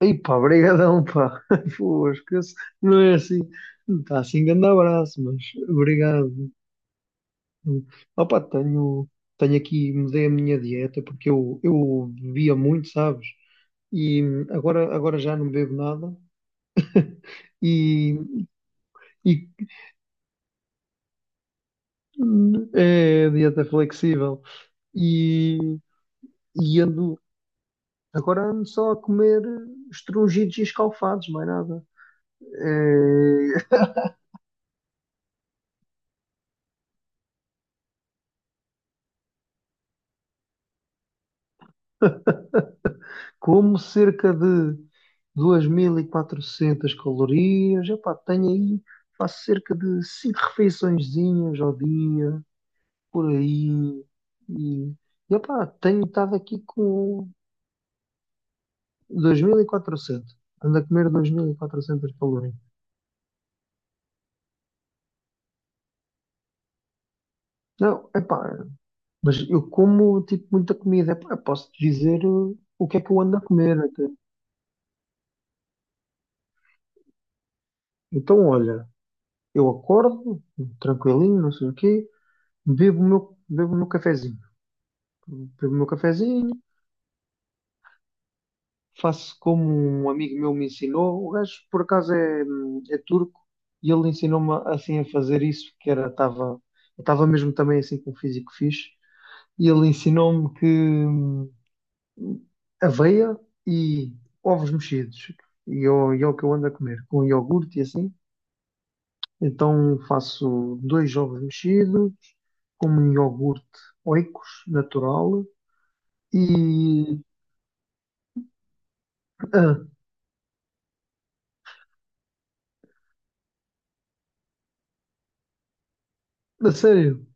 Ei pá, brigadão pá. Pô, esquece. Não é assim. Não está assim grande abraço, mas obrigado. Opa, tenho aqui, mudei a minha dieta porque eu bebia muito, sabes? E agora já não bebo nada. E, e é dieta flexível. E, e ando, agora ando só a comer estrungidos e escalfados, mais nada. É, como cerca de 2.400 calorias. Epá, tenho aí, faço cerca de 5 refeiçõezinhas ao dia, por aí, e epá, tenho estado aqui com 2.400, ando a comer 2.400 calorias. Não, epá, mas eu como tipo muita comida. Epá, posso te dizer o que é que eu ando a comer até. Então, olha, eu acordo, tranquilinho, não sei o quê, bebo o meu cafezinho. Bebo meu cafezinho, faço como um amigo meu me ensinou. O gajo, por acaso, é turco e ele ensinou-me assim a fazer isso, eu estava mesmo também assim com um físico fixe. E ele ensinou-me que aveia e ovos mexidos, e é o que eu ando a comer, com iogurte e assim. Então faço dois ovos mexidos, com um iogurte Oikos natural e. Ah, a sério?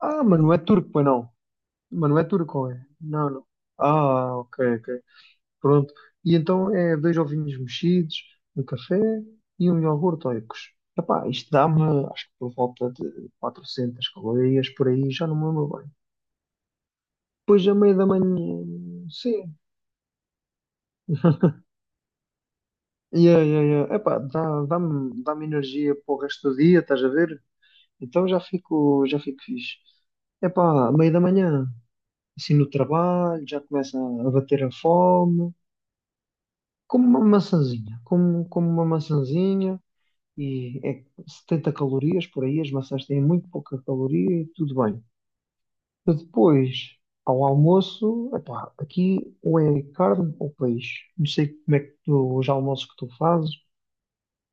Ah, mas não é turco, pois não. Mas não é turco, é? Não, não. Ah, ok, ok. Pronto. E então é dois ovinhos mexidos, um café e um iogurte oicos. Epá, isto dá-me, acho que por volta de 400 calorias por aí, já não me lembro bem. Depois, a meia da manhã, sim. Yeah, yeah, yeah. Epá, dá-me energia para o resto do dia, estás a ver? Então já fico fixe. Epá, à meia da manhã, assim no trabalho, já começa a bater a fome. Como uma maçãzinha, como uma maçãzinha, e é 70 calorias por aí. As maçãs têm muito pouca caloria e tudo bem. E depois, ao almoço, epá, aqui ou é carne ou peixe. Não sei como é que tu, os almoços que tu fazes,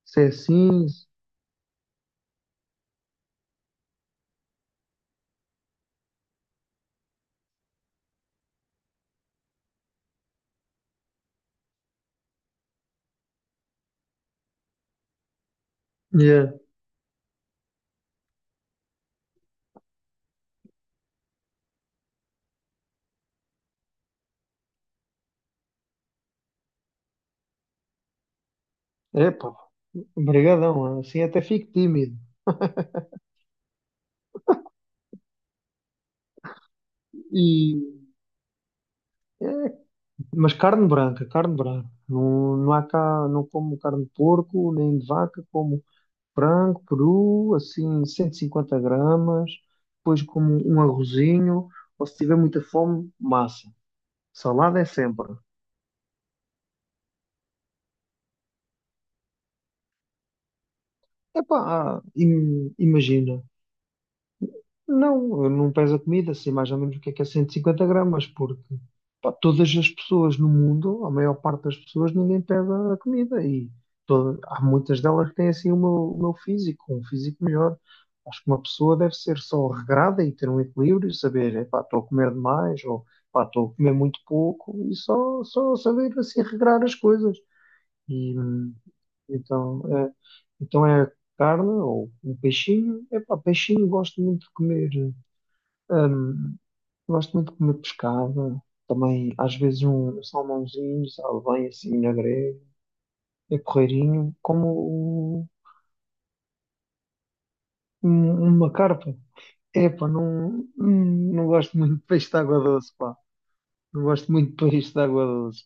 se é assim, é epá, brigadão, assim até fico tímido. E, mas carne branca, carne branca. Não, não há cá, não como carne de porco, nem de vaca, como frango, peru, assim, 150 gramas, depois como um arrozinho, ou se tiver muita fome, massa. Salada é sempre. Epá, imagina, não, não pesa comida, sei mais ou menos o que é 150 gramas, porque pá, todas as pessoas no mundo, a maior parte das pessoas, ninguém pesa a comida e há muitas delas que têm assim o meu físico, um físico melhor. Acho que uma pessoa deve ser só regrada e ter um equilíbrio, saber, epá, estou a comer demais ou pá, estou a comer muito pouco, e só saber assim regrar as coisas. E então é, então é carne ou um peixinho. Epá, peixinho gosto muito de comer. Gosto muito de comer pescada, também às vezes um salmãozinho, sabe, bem assim na grelha, é porreirinho, uma carpa. Epá, não, não gosto muito de peixe de água doce, pá. Não gosto muito de peixe de água doce.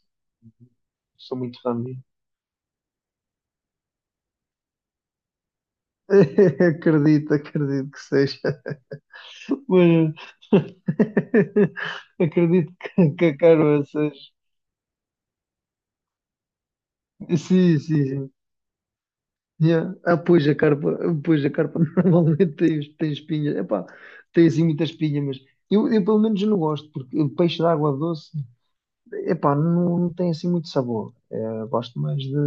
Sou muito fã de. Acredito que seja. Mas acredito que a Carol seja. Sim, sim, sim. Yeah. Ah, pois a carpa normalmente tem espinhas. Epá, tem assim muita espinha, mas eu pelo menos não gosto, porque o peixe de água doce, epá, não tem assim muito sabor. É, gosto mais de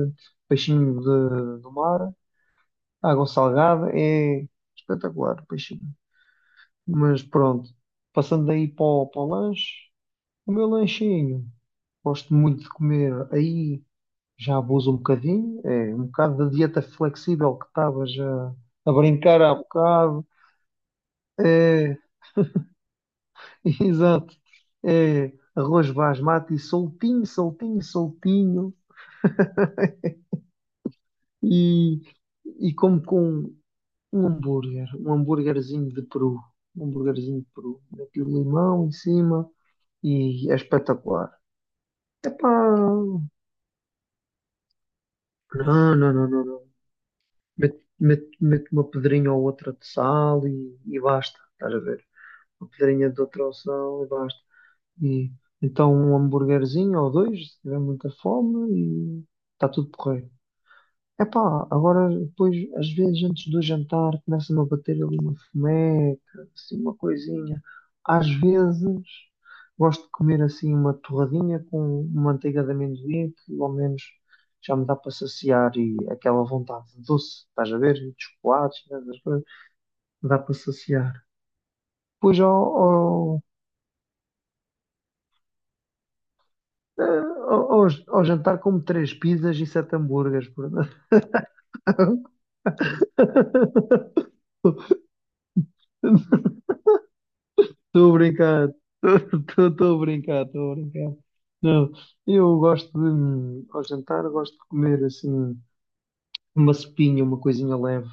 peixinho do mar, água salgada. É espetacular, peixinho. Mas pronto, passando aí para o, lanche, o meu lanchinho, gosto muito de comer aí, já abuso um bocadinho, é um bocado da dieta flexível que estava já a brincar há bocado. É, exato. É arroz basmati soltinho, soltinho, soltinho, e, e como com um hambúrguerzinho de peru, um hambúrguerzinho de peru, daquele limão em cima, e é espetacular. Epá, não, não, não, não, não. Mete, mete, mete uma pedrinha ou outra de sal, e basta, estás a ver? A pedrinha de outra opção e basta. E então um hambúrguerzinho ou dois, se tiver muita fome, e está tudo porreiro. Epá, agora depois, às vezes antes do jantar, começa-me a bater ali uma fomeca, assim, uma coisinha. Às vezes gosto de comer assim uma torradinha com manteiga de amendoim, que ao menos já me dá para saciar e aquela vontade doce, estás a ver? E de chocolates, né, das coisas, dá para saciar. Depois ao, ao, eh, ao, ao- ao jantar como três pizzas e sete hambúrgueres, portanto. Estou a brincar, estou a brincar, estou a brincar. Não, eu gosto de, ao jantar, gosto de comer assim uma sopinha, uma coisinha leve,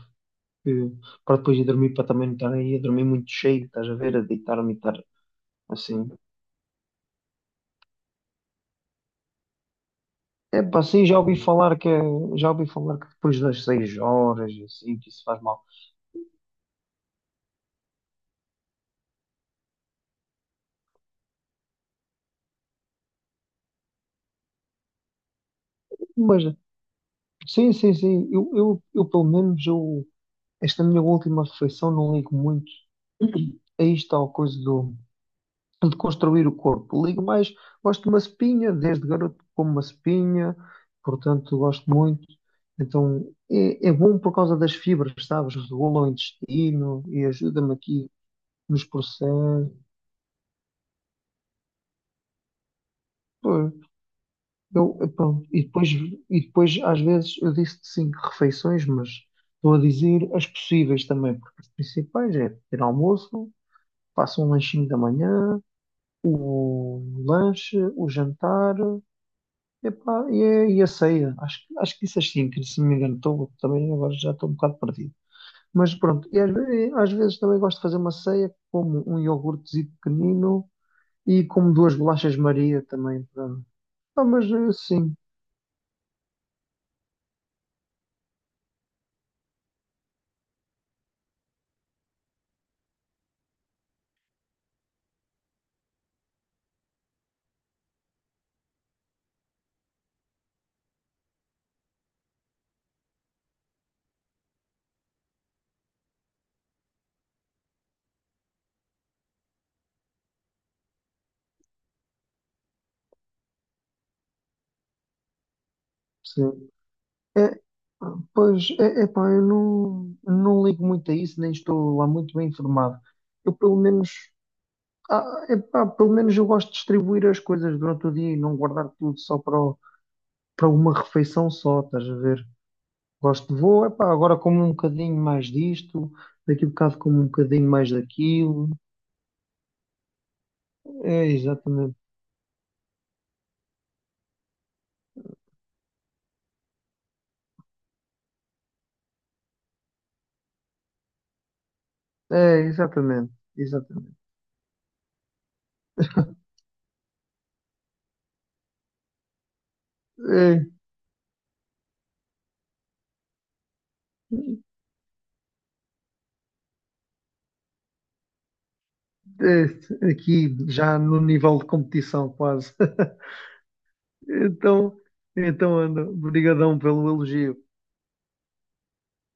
que- para depois ir dormir, para também não estar aí a dormir muito cheio, estás a ver, a deitar-me e estar assim. É pá, assim já ouvi falar que é, já ouvi falar que depois das seis horas, e assim, que isso faz mal. Mas sim, sim, sim. Eu pelo menos, esta minha última refeição não ligo muito, aí está a coisa de construir o corpo. Ligo mais, gosto de uma espinha, desde garoto como uma espinha, portanto gosto muito. Então é bom por causa das fibras, sabes? Regula o intestino e ajuda-me aqui nos processos. Pronto, e depois às vezes eu disse cinco refeições, mas estou a dizer as possíveis também, porque as principais é ter almoço, faço um lanchinho da manhã, o lanche, o jantar, epá, e a ceia. Acho que disse as cinco, se não me engano, estou, também agora já estou um bocado perdido. Mas pronto, e às vezes também gosto de fazer uma ceia, como um iogurtezinho pequenino e como duas bolachas Maria também, pronto. Ah, mas sim. Sim. É, pois, é, epá, eu não ligo muito a isso, nem estou lá muito bem informado. Eu, pelo menos, ah, epá, pelo menos eu gosto de distribuir as coisas durante o dia e não guardar tudo só para uma refeição só, estás a ver? Epá, agora como um bocadinho mais disto, daqui a bocado como um bocadinho mais daquilo. É, exatamente. É, exatamente. Exatamente. É, aqui já no nível de competição quase. Então, então, Ana, brigadão pelo elogio.